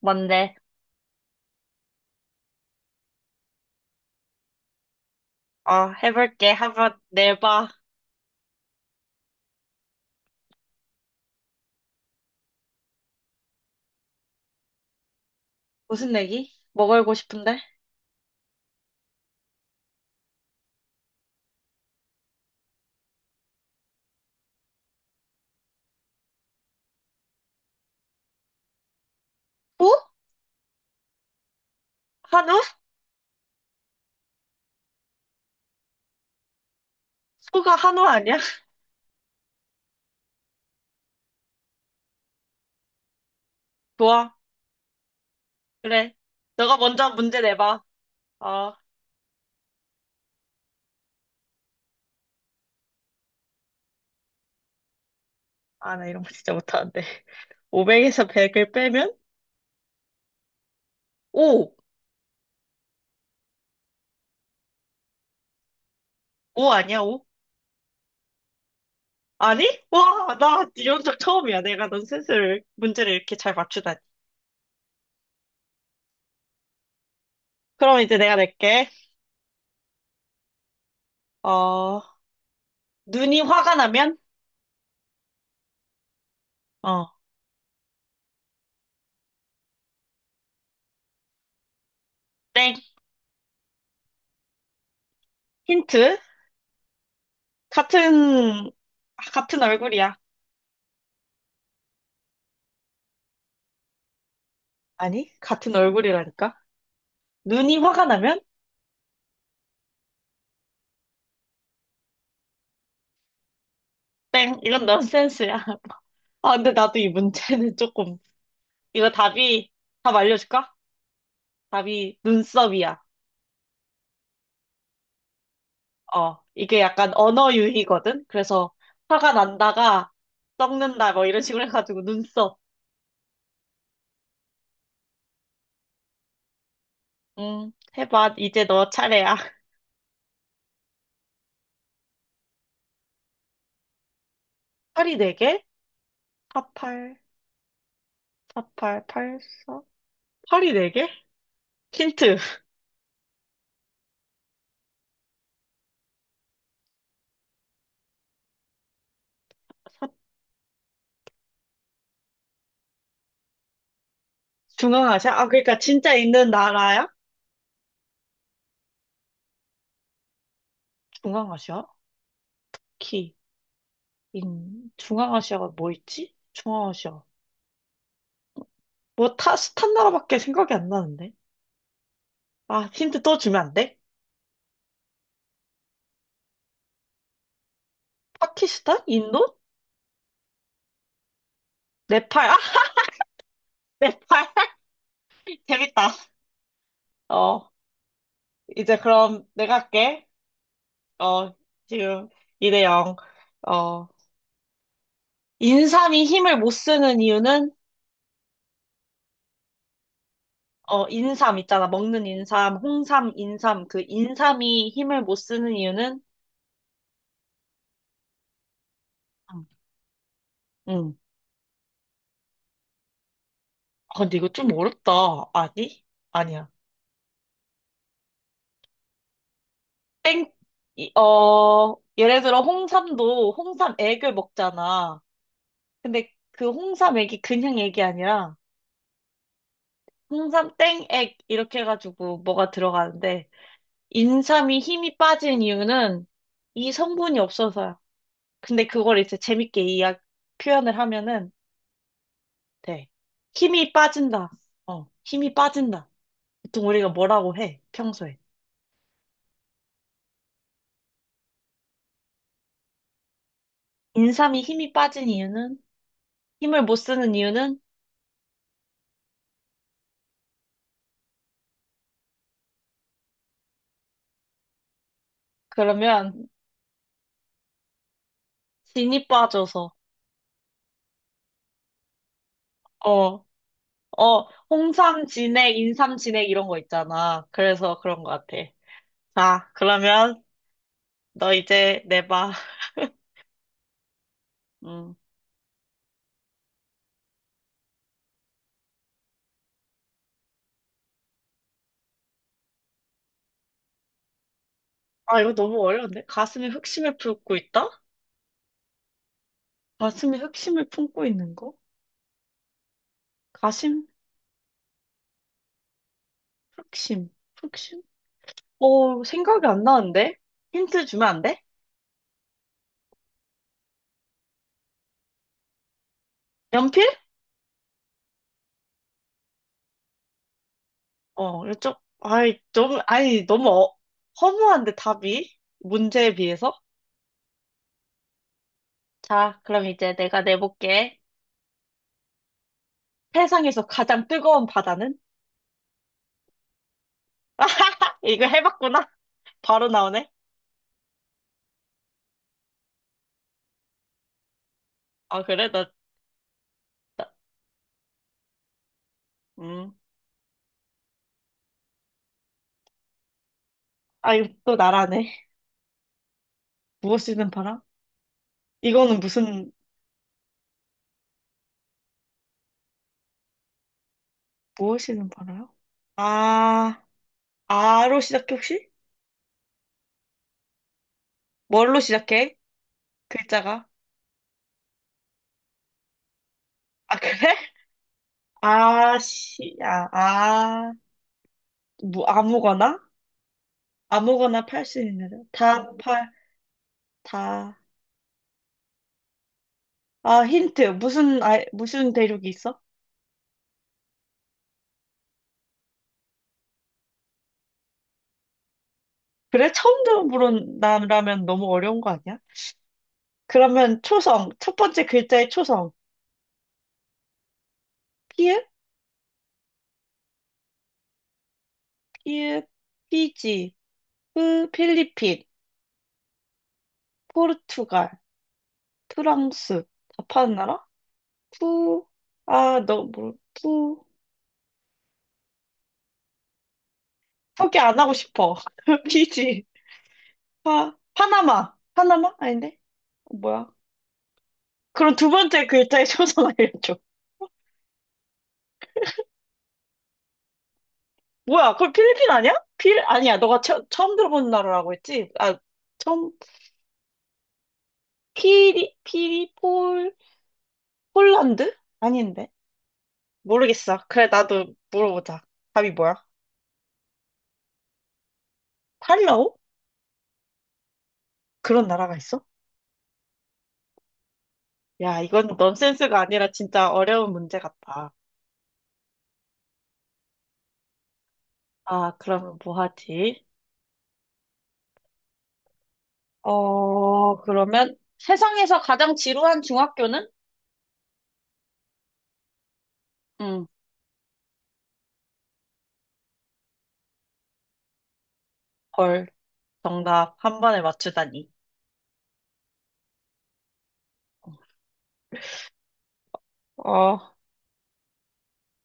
뭔데? 어, 해볼게. 한번 내봐. 무슨 내기? 뭐 걸고 싶은데? 소? 한우? 소가 한우 아니야? 좋아. 그래. 너가 먼저 문제 내봐. 어. 아, 나 이런 거 진짜 못하는데. 500에서 100을 빼면? 오. 오 아니야, 오. 아니? 와, 나 이런 적 처음이야. 내가 넌 스스로 문제를 이렇게 잘 맞추다니. 그럼 이제 내가 낼게. 어, 눈이 화가 나면? 어, 땡. 힌트? 같은, 같은 얼굴이야. 아니, 같은 얼굴이라니까? 눈이 화가 나면? 땡, 이건 넌센스야. 아, 근데 나도 이 문제는 조금, 이거 답이, 답 알려줄까? 답이 눈썹이야. 이게 약간 언어 유희거든? 그래서 화가 난다가 썩는다, 뭐 이런 식으로 해가지고 눈썹. 해봐. 이제 너 차례야. 팔이 네개 48, 48, 84? 팔이 네개 힌트. 중앙아시아? 아, 그러니까 진짜 있는 나라야? 중앙아시아? 키. 중앙아시아가 뭐 있지? 중앙아시아. 뭐 타, 스탄 나라밖에 생각이 안 나는데. 아, 힌트 또 주면 안 돼? 파키스탄? 인도? 네팔? 아, 네팔? 재밌다. 어, 이제 그럼 내가 할게. 어, 지금 2대 0. 어, 인삼이 힘을 못 쓰는 이유는? 어, 인삼 있잖아. 먹는 인삼, 홍삼, 인삼. 그 인삼이 힘을 못 쓰는 이유는? 응. 응. 아, 근데 이거 좀 어렵다. 아니? 아니야. 땡, 예를 들어 홍삼도 홍삼 액을 먹잖아. 근데 그 홍삼 액이 그냥 액이 아니라 홍삼 땡액 이렇게 해가지고 뭐가 들어가는데 인삼이 힘이 빠진 이유는 이 성분이 없어서야. 근데 그걸 이제 재밌게 이야 표현을 하면은 돼. 힘이 빠진다. 힘이 빠진다. 보통 우리가 뭐라고 해, 평소에. 인삼이 힘이 빠진 이유는? 힘을 못 쓰는 이유는? 그러면 진이 빠져서. 어, 어, 홍삼 진액, 인삼 진액 이런 거 있잖아. 그래서 그런 것 같아. 자, 그러면 너 이제 내봐. 음. 아, 이거 너무 어려운데? 가슴에 흑심을 품고 있다? 가슴에 흑심을 품고 있는 거? 가심? 흑심? 흑심? 생각이 안 나는데? 힌트 주면 안 돼? 연필? 이거 좀, 아이, 좀, 아이, 너무 어- 허무한데, 답이? 문제에 비해서? 자, 그럼 이제 내가 내볼게. 세상에서 가장 뜨거운 바다는? 이거 해봤구나. 바로 나오네. 아, 그래? 나, 음. 아, 이거 또 나라네. 무엇이든 바라? 이거는 무슨, 무엇이든 바라요? 아, 아로 시작해, 혹시? 뭘로 시작해? 글자가? 아, 그래? 아, 씨, 아, 뭐, 아무거나? 아무거나 팔 수 있는 여자. 다 팔, 다. 아, 힌트. 무슨, 아, 무슨 대륙이 있어? 그래? 처음 들어보는 나라면 너무 어려운 거 아니야? 그러면 초성, 첫 번째 글자의 초성. 피읍, 피읍, 피지, 프, 필리핀, 포르투갈, 프랑스. 다 파는 나라? 푸, 아, 너, 뭐, 푸. 포기 안 하고 싶어. 피지, 파, 파나마. 파나마? 아닌데? 뭐야? 그럼 두 번째 글자의 초성 알려줘. 뭐야, 그럼 필리핀 아니야? 아니야, 너가 처음 들어본 나라라고 했지? 아, 처음, 피리, 피리, 폴, 폴란드? 아닌데? 모르겠어. 그래, 나도 물어보자. 답이 뭐야? 팔로우? 그런 나라가 있어? 야, 이건 넌센스가 아니라 진짜 어려운 문제 같다. 아, 그러면 뭐 하지? 그러면 세상에서 가장 지루한 중학교는? 응, 헐. 정답 한 번에 맞추다니. 어,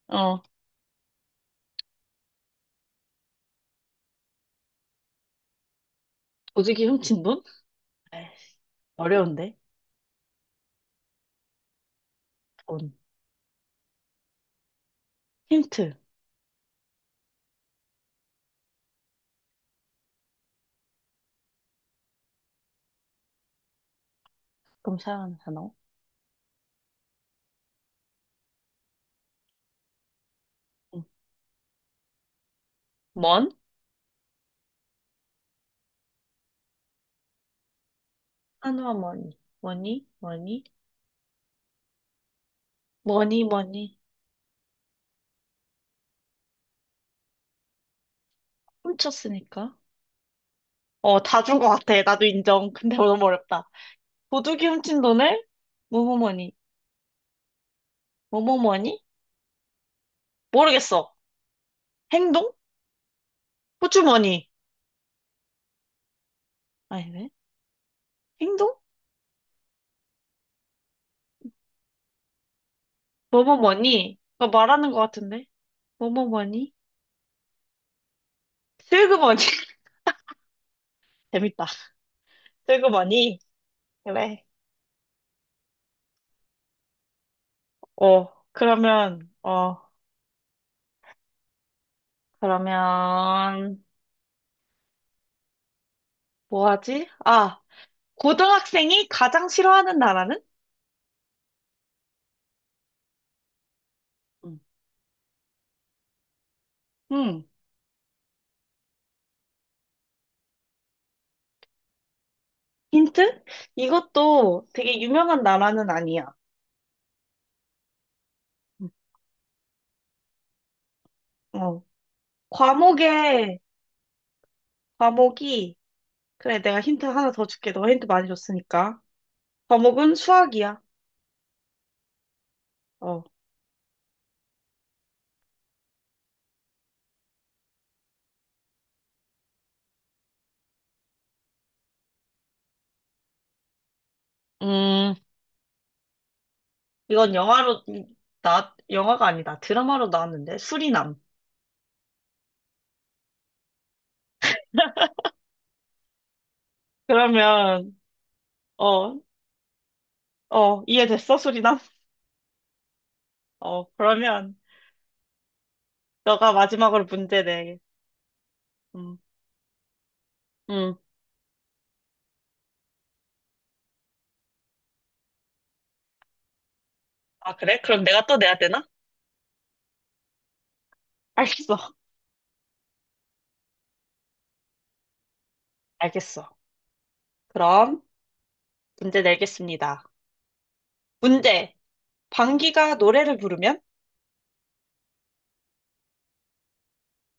어, 조직이 훔친 돈? 에이씨, 어려운데? 돈. 힌트. 그럼 사용하는 단어? 응. 먼? 한화 머니. 머니? 머니? 머니, 머니. 훔쳤으니까. 다 준 것 같아. 나도 인정. 근데 너무 어렵다. 도둑이 훔친 돈을 뭐뭐뭐니? 뭐뭐뭐니? 모르겠어. 행동? 호주머니. 아니네. 행동? 뭐뭐뭐니? 그거 말하는 것 같은데. 뭐뭐뭐니? 슬그머니. 재밌다. 슬그머니. 그래. 어, 그러면, 어, 그러면, 뭐 하지? 아, 고등학생이 가장 싫어하는 나라는? 음, 음, 힌트? 이것도 되게 유명한 나라는 아니야. 음. 어. 과목에, 과목이, 그래, 내가 힌트 하나 더 줄게. 너 힌트 많이 줬으니까. 과목은 수학이야. 어. 음, 이건 영화로, 나, 영화가 아니다. 드라마로 나왔는데, 수리남. 그러면, 어, 이해됐어, 수리남? 그러면, 너가 마지막으로 문제 내. 음, 음. 아, 그래? 그럼 내가 또 내야 되나? 알겠어. 알겠어. 그럼, 문제 내겠습니다. 문제. 방귀가 노래를 부르면?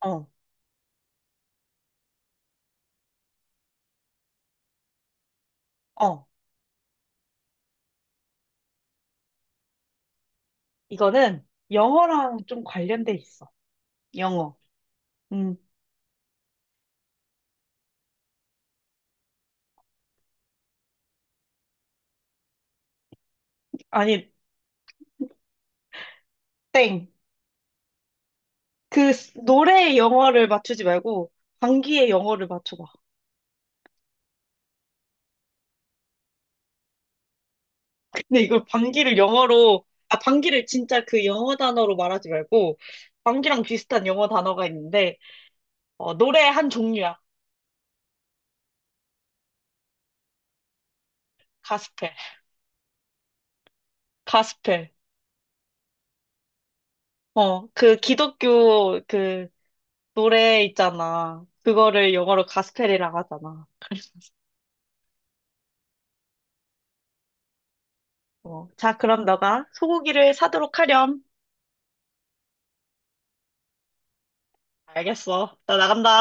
어. 어. 이거는 영어랑 좀 관련돼 있어. 영어. 음, 아니, 땡. 그 노래의 영어를 맞추지 말고 방귀의 영어를 맞춰봐. 근데 이걸 방귀를 영어로, 아, 방귀를 진짜 그 영어 단어로 말하지 말고 방귀랑 비슷한 영어 단어가 있는데 노래 한 종류야. 가스펠. 가스펠. 그 기독교 그 노래 있잖아. 그거를 영어로 가스펠이라고 하잖아. 자, 그럼 너가 소고기를 사도록 하렴. 알겠어. 나 나간다.